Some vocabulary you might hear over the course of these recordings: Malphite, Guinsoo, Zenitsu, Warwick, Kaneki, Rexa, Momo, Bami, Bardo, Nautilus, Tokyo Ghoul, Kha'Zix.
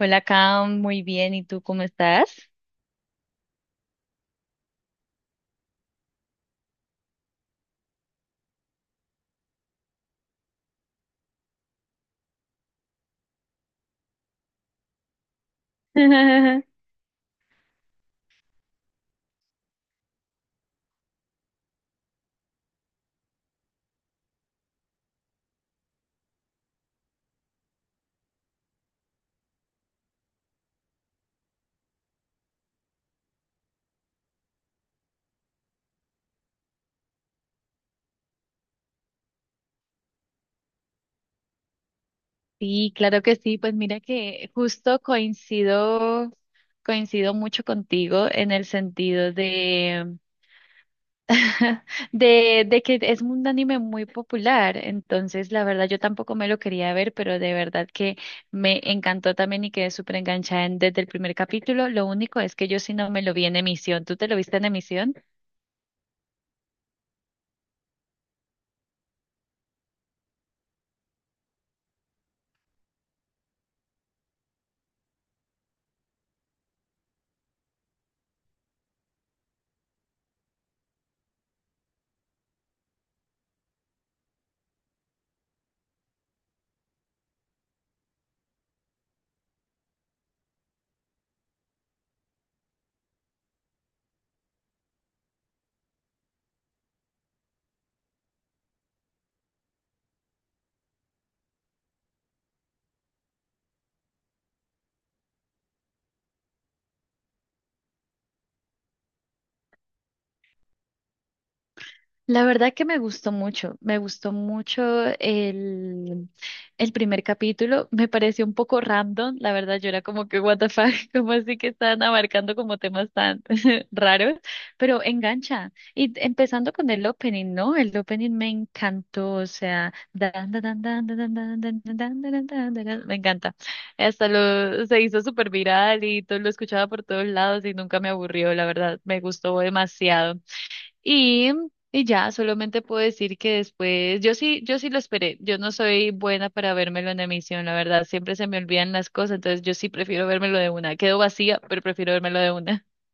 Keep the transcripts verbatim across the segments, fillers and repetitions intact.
Hola, Cam, muy bien. ¿Y tú cómo estás? Sí, claro que sí. Pues mira que justo coincido, coincido mucho contigo en el sentido de, de, de que es un anime muy popular. Entonces, la verdad, yo tampoco me lo quería ver, pero de verdad que me encantó también y quedé súper enganchada en- desde el primer capítulo. Lo único es que yo sí no me lo vi en emisión. ¿Tú te lo viste en emisión? La verdad que me gustó mucho, me gustó mucho el, el primer capítulo, me pareció un poco random, la verdad yo era como que what the fuck, como así que están abarcando como temas tan raros, pero engancha. Y empezando con el opening, ¿no? El opening me encantó, o sea, dan, dan, dan, dan, dan, dan, dan, dan, dan, dan, dan, dan, dan, me encanta. Hasta lo se hizo súper viral y todo, lo escuchaba por todos lados y nunca me aburrió, la verdad, me gustó demasiado. Y, y ya, solamente puedo decir que después, yo sí, yo sí lo esperé. Yo no soy buena para vérmelo en emisión, la verdad. Siempre se me olvidan las cosas, entonces yo sí prefiero vérmelo de una. Quedo vacía, pero prefiero vérmelo de una.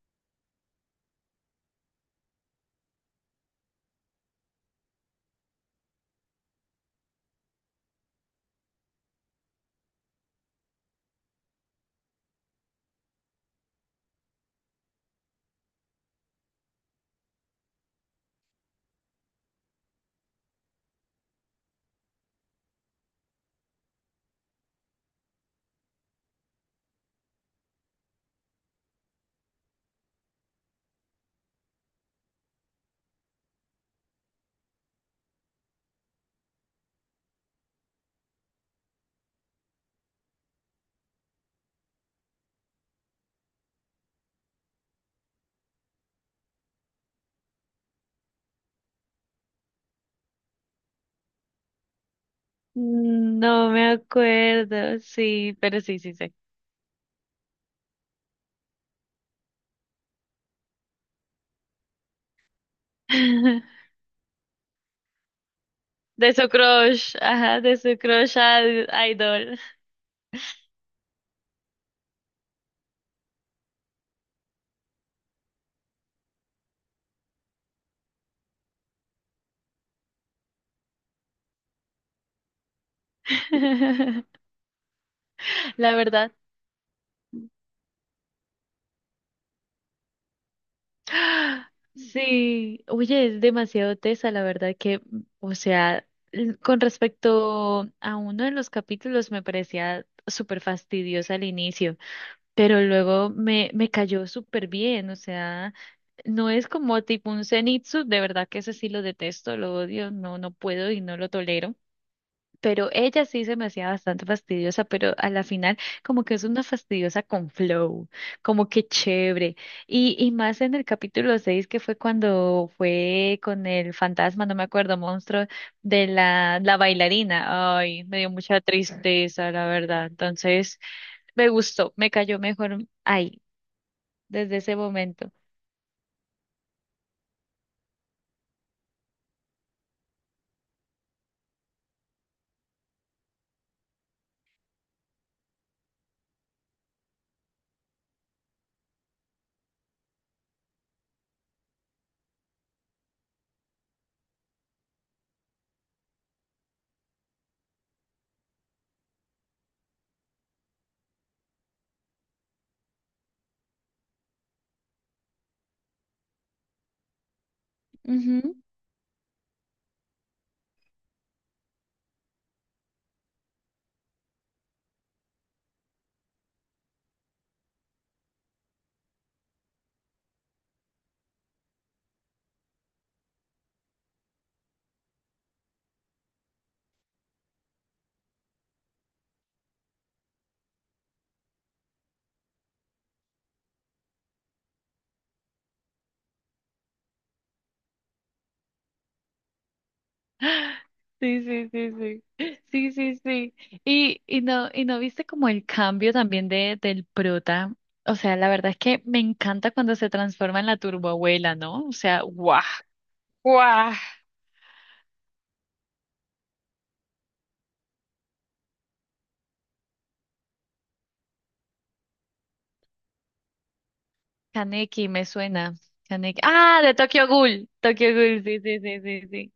Mm, no me acuerdo, sí, pero sí, sí sé. De su crush, ajá, de su crush al idol. La verdad. Sí, oye, es demasiado tesa, la verdad que, o sea, l- con respecto a uno de los capítulos me parecía súper fastidiosa al inicio, pero luego me, me cayó súper bien, o sea, no es como tipo un Zenitsu, de verdad que ese sí lo detesto, lo odio, no, no puedo y no lo tolero, pero ella sí se me hacía bastante fastidiosa, pero a la final como que es una fastidiosa con flow, como que chévere. Y, y más en el capítulo seis que fue cuando fue con el fantasma, no me acuerdo, monstruo de la, la bailarina. Ay, me dio mucha tristeza, la verdad. Entonces, me gustó, me cayó mejor ahí, desde ese momento. Ujú. Sí, sí, sí, sí. Sí, sí, sí. Y, y no, y no viste como el cambio también de, del prota. O sea, la verdad es que me encanta cuando se transforma en la turboabuela, ¿no? O sea, guau, guau. Kaneki me suena. Kaneki. Ah, de Tokyo Ghoul. Tokyo Ghoul, sí, sí, sí, sí, sí.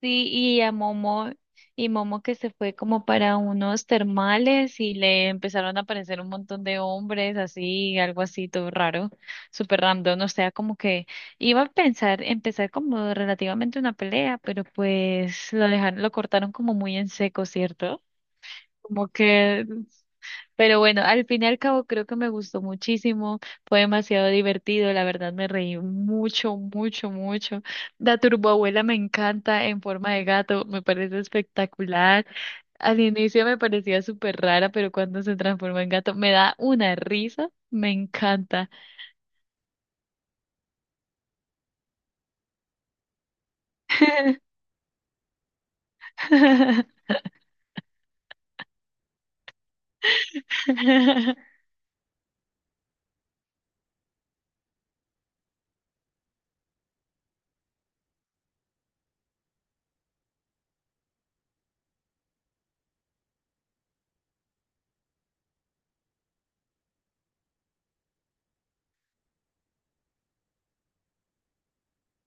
Sí, y a Momo, y Momo que se fue como para unos termales y le empezaron a aparecer un montón de hombres, así, algo así, todo raro, súper random, o sea, como que iba a pensar, empezar como relativamente una pelea, pero pues lo dejaron, lo cortaron como muy en seco, ¿cierto? Como que, pero bueno, al fin y al cabo creo que me gustó muchísimo, fue demasiado divertido, la verdad me reí mucho, mucho, mucho. La turboabuela me encanta en forma de gato, me parece espectacular. Al inicio me parecía súper rara, pero cuando se transforma en gato me da una risa, me encanta.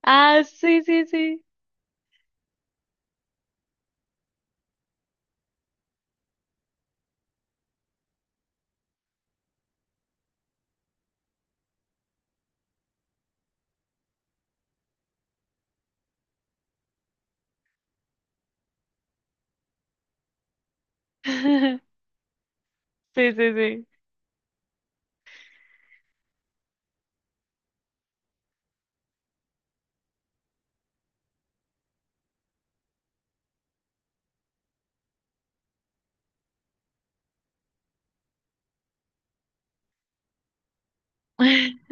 Ah, sí, sí, sí. Sí, sí, sí.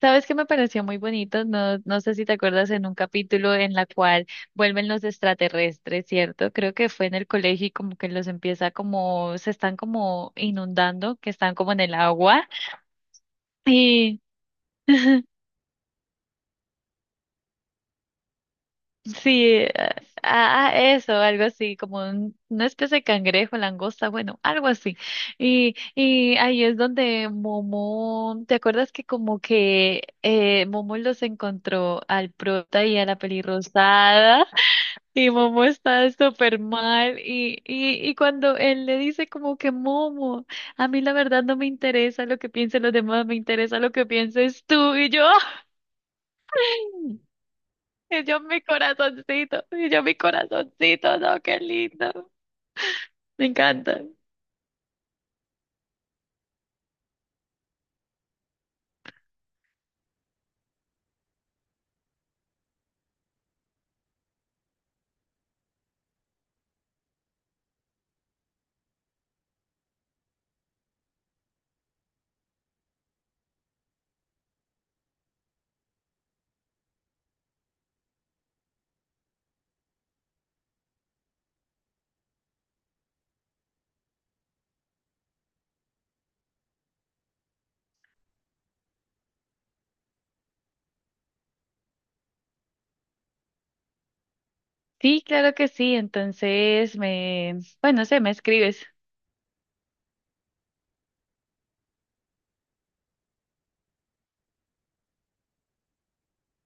¿Sabes qué me pareció muy bonito? No, no sé si te acuerdas en un capítulo en la cual vuelven los extraterrestres, ¿cierto? Creo que fue en el colegio y como que los empieza como, se están como inundando, que están como en el agua. Y sí, ah, ah, eso, algo así, como un- una especie de cangrejo, langosta, bueno, algo así. Y, y ahí es donde Momo, ¿te acuerdas que como que eh, Momo los encontró al prota y a la pelirrosada? Y Momo está súper mal y, y, y cuando él le dice como que Momo, a mí la verdad no me interesa lo que piensen los demás, me interesa lo que pienses tú y yo, ¡ay! Y yo mi corazoncito, y yo mi corazoncito, no, qué lindo, me encanta. Sí, claro que sí, entonces me, bueno, no sé, me escribes.